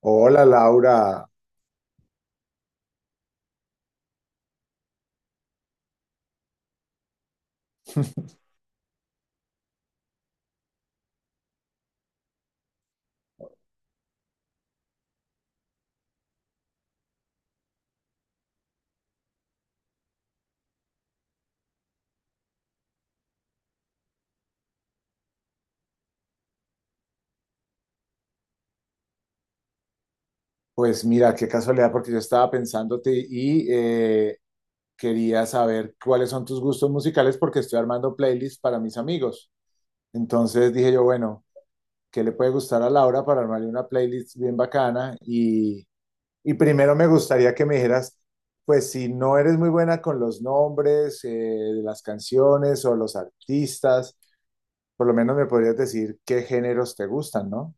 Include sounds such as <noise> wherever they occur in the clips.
Hola Laura, pues mira, qué casualidad porque yo estaba pensándote y quería saber cuáles son tus gustos musicales porque estoy armando playlists para mis amigos. Entonces dije yo, bueno, ¿qué le puede gustar a Laura para armarle una playlist bien bacana? Y primero me gustaría que me dijeras, pues si no eres muy buena con los nombres de las canciones o los artistas, por lo menos me podrías decir qué géneros te gustan, ¿no?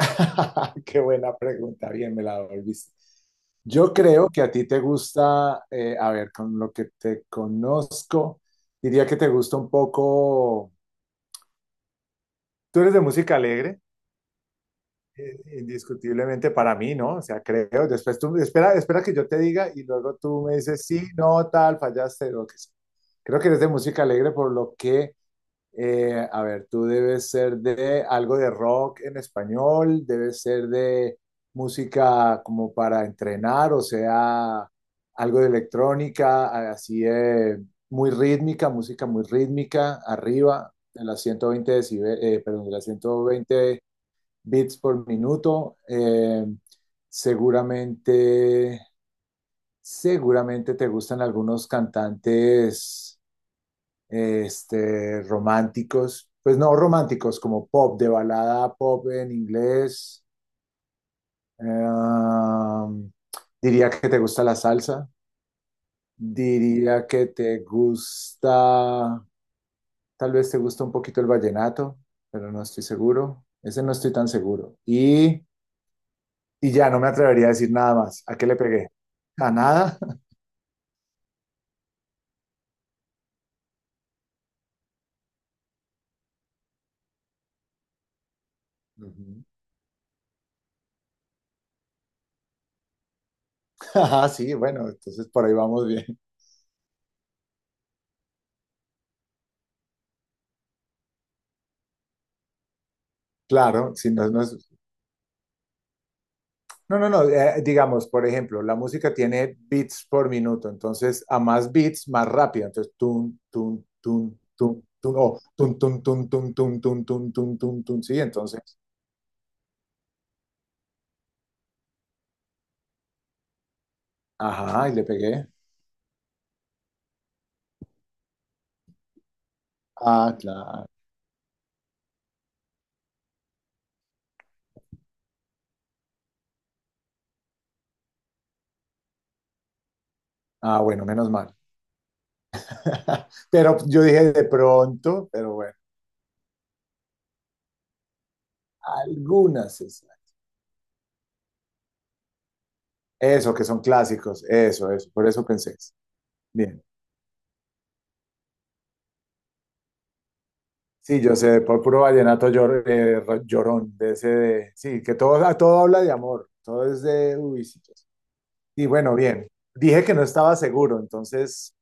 <laughs> Qué buena pregunta, bien me la volviste. Yo creo que a ti te gusta, a ver, con lo que te conozco, diría que te gusta un poco, tú eres de música alegre, indiscutiblemente para mí, ¿no? O sea, creo, después tú, espera que yo te diga y luego tú me dices, sí, no, tal, fallaste, lo que sea. Creo que eres de música alegre por lo que a ver, tú debes ser de algo de rock en español, debes ser de música como para entrenar, o sea, algo de electrónica, así de muy rítmica, música muy rítmica, arriba de las 120 perdón, de las 120 beats por minuto. Seguramente, seguramente te gustan algunos cantantes románticos, pues no románticos, como pop, de balada pop en inglés. Um, diría que te gusta la salsa, diría que te gusta, tal vez te gusta un poquito el vallenato, pero no estoy seguro. Ese no estoy tan seguro. Y ya no me atrevería a decir nada más. ¿A qué le pegué? ¿A nada? Ujú. <laughs> Ah, sí, bueno, entonces por ahí vamos bien. Claro, si no, No, no, no, digamos, por ejemplo, la música tiene beats por minuto, entonces a más beats, más rápido, entonces tun, tun, tun, tun, tun, o tun, tun, tun, tun, tun, tun, tun, tun, tun, tun, sí, entonces, ajá, y le pegué. Ah, claro. Ah, bueno, menos mal. <laughs> Pero yo dije de pronto, pero bueno, algunas, es eso, que son clásicos, eso, por eso pensé. Bien. Sí, yo sé, por puro llorón, de ese de, sí, que todo, a todo habla de amor, todo es de, uy, sí, yo sé. Y bueno, bien, dije que no estaba seguro, entonces,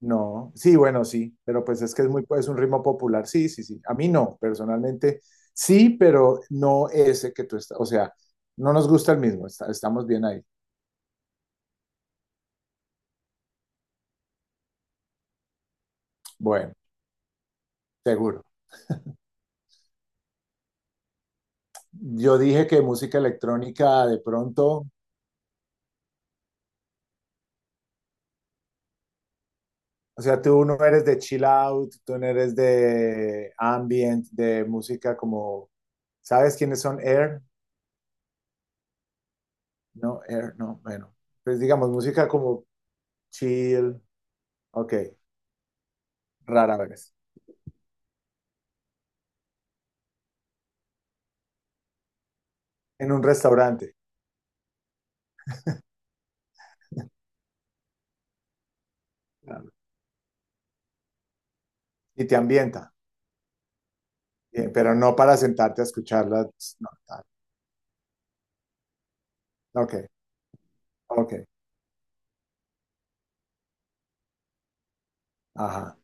no, sí, bueno, sí, pero pues es que es muy, pues un ritmo popular, sí, sí, sí, a mí no, personalmente, sí, pero no ese que tú estás, o sea, no nos gusta el mismo, estamos bien ahí, bueno, seguro. Yo dije que música electrónica de pronto. O sea, tú no eres de chill out, tú no eres de ambient, de música como, ¿sabes quiénes son Air? No, Air, no, bueno. Pues digamos, música como chill, ok, rara vez, en un restaurante claro, y te ambienta, pero no para sentarte a escucharla. Pues, no, tal. Ok, ok, ajá.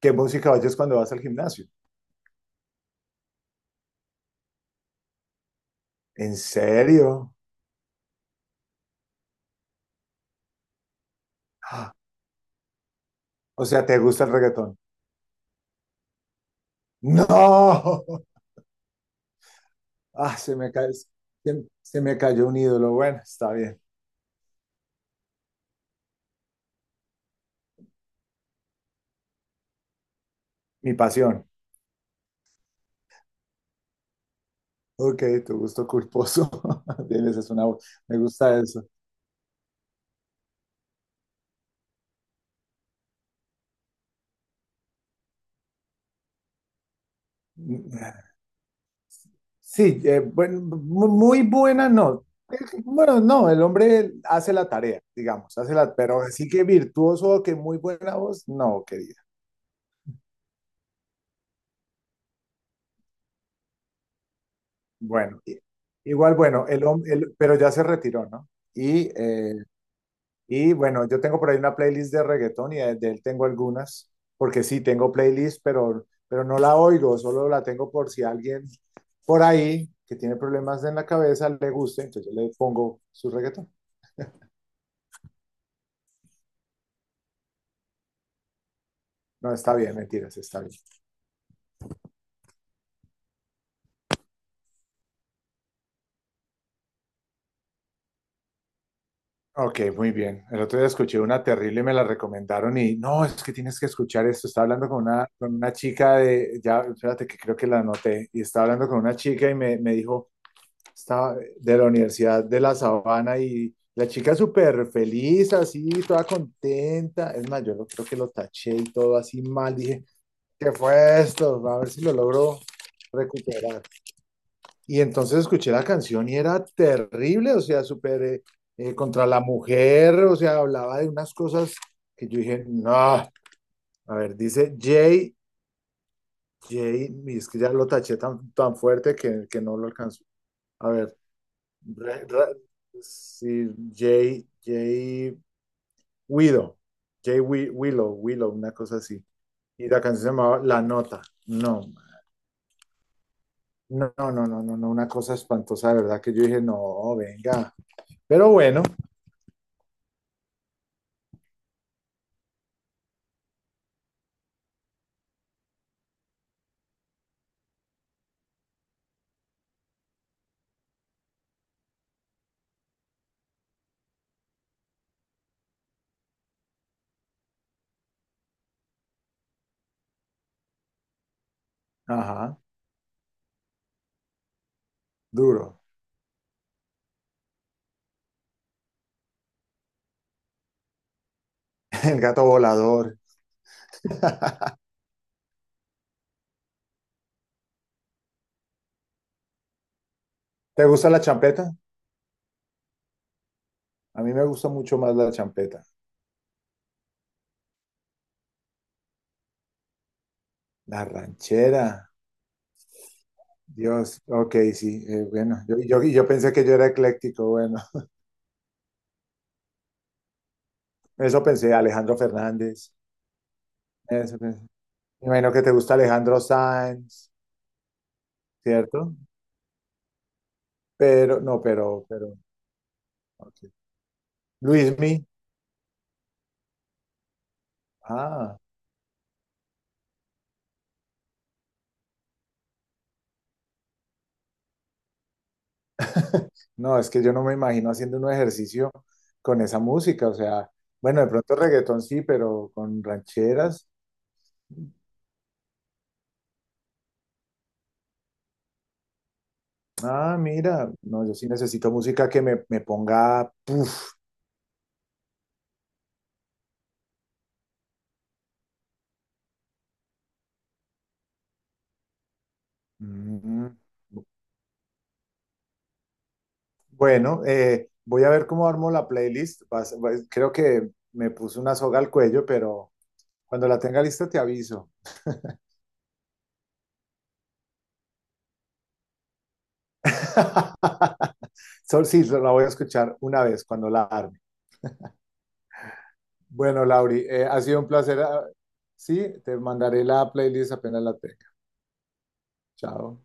¿Qué música oyes cuando vas al gimnasio? ¿En serio? <gasps> Ah, o sea, ¿te gusta el reggaetón? No. Ah, se me cayó, se me cayó un ídolo. Bueno, está bien. Mi pasión. Ok, tu gusto culposo. <laughs> Bien, esa es una, me gusta eso. Sí, bueno, muy buena, no. Eh, bueno, no, el hombre hace la tarea, digamos, hace la, pero así que virtuoso, que muy buena voz, no, querida. Bueno, igual, bueno, pero ya se retiró, ¿no? Y y bueno, yo tengo por ahí una playlist de reggaetón y de él tengo algunas, porque sí, tengo playlist, pero no la oigo, solo la tengo por si alguien por ahí que tiene problemas en la cabeza le gusta, entonces yo le pongo su reggaetón. No, está bien, mentiras, está bien. Ok, muy bien. El otro día escuché una terrible, me la recomendaron y no, es que tienes que escuchar esto. Estaba hablando con con una chica de, ya, espérate que creo que la anoté, y estaba hablando con una chica y me dijo, estaba de la Universidad de La Sabana y la chica súper feliz, así, toda contenta. Es más, creo que lo taché y todo así mal. Dije, ¿qué fue esto? A ver si lo logro recuperar. Y entonces escuché la canción y era terrible, o sea, súper contra la mujer, o sea, hablaba de unas cosas que yo dije, no, a ver, dice Jay, Jay, y es que ya lo taché tan fuerte que no lo alcanzó. A ver, Ra- Ra- sí, Jay Widow, Willow, una cosa así. Y la canción se llamaba La Nota. No, no, una cosa espantosa, de verdad que yo dije, no, venga. Pero bueno, ajá, duro. <laughs> El gato volador. <laughs> ¿Te gusta la champeta? A mí me gusta mucho más la champeta. La ranchera. Dios, ok, sí, bueno, yo pensé que yo era ecléctico, bueno, eso pensé, Alejandro Fernández, eso pensé. Me imagino que te gusta Alejandro Sanz, ¿cierto? Pero, no, ok. Luismi, ah, <laughs> no, es que yo no me imagino haciendo un ejercicio con esa música, o sea, bueno, de pronto reggaetón sí, pero con rancheras, ah, mira, no, yo sí necesito música que me ponga, mm, bueno, voy a ver cómo armo la playlist. Creo que me puse una soga al cuello, pero cuando la tenga lista te aviso. <laughs> Sol, sí, la voy a escuchar una vez cuando la arme. Bueno, Lauri, ha sido un placer. Ah, sí, te mandaré la playlist apenas la tenga. Chao.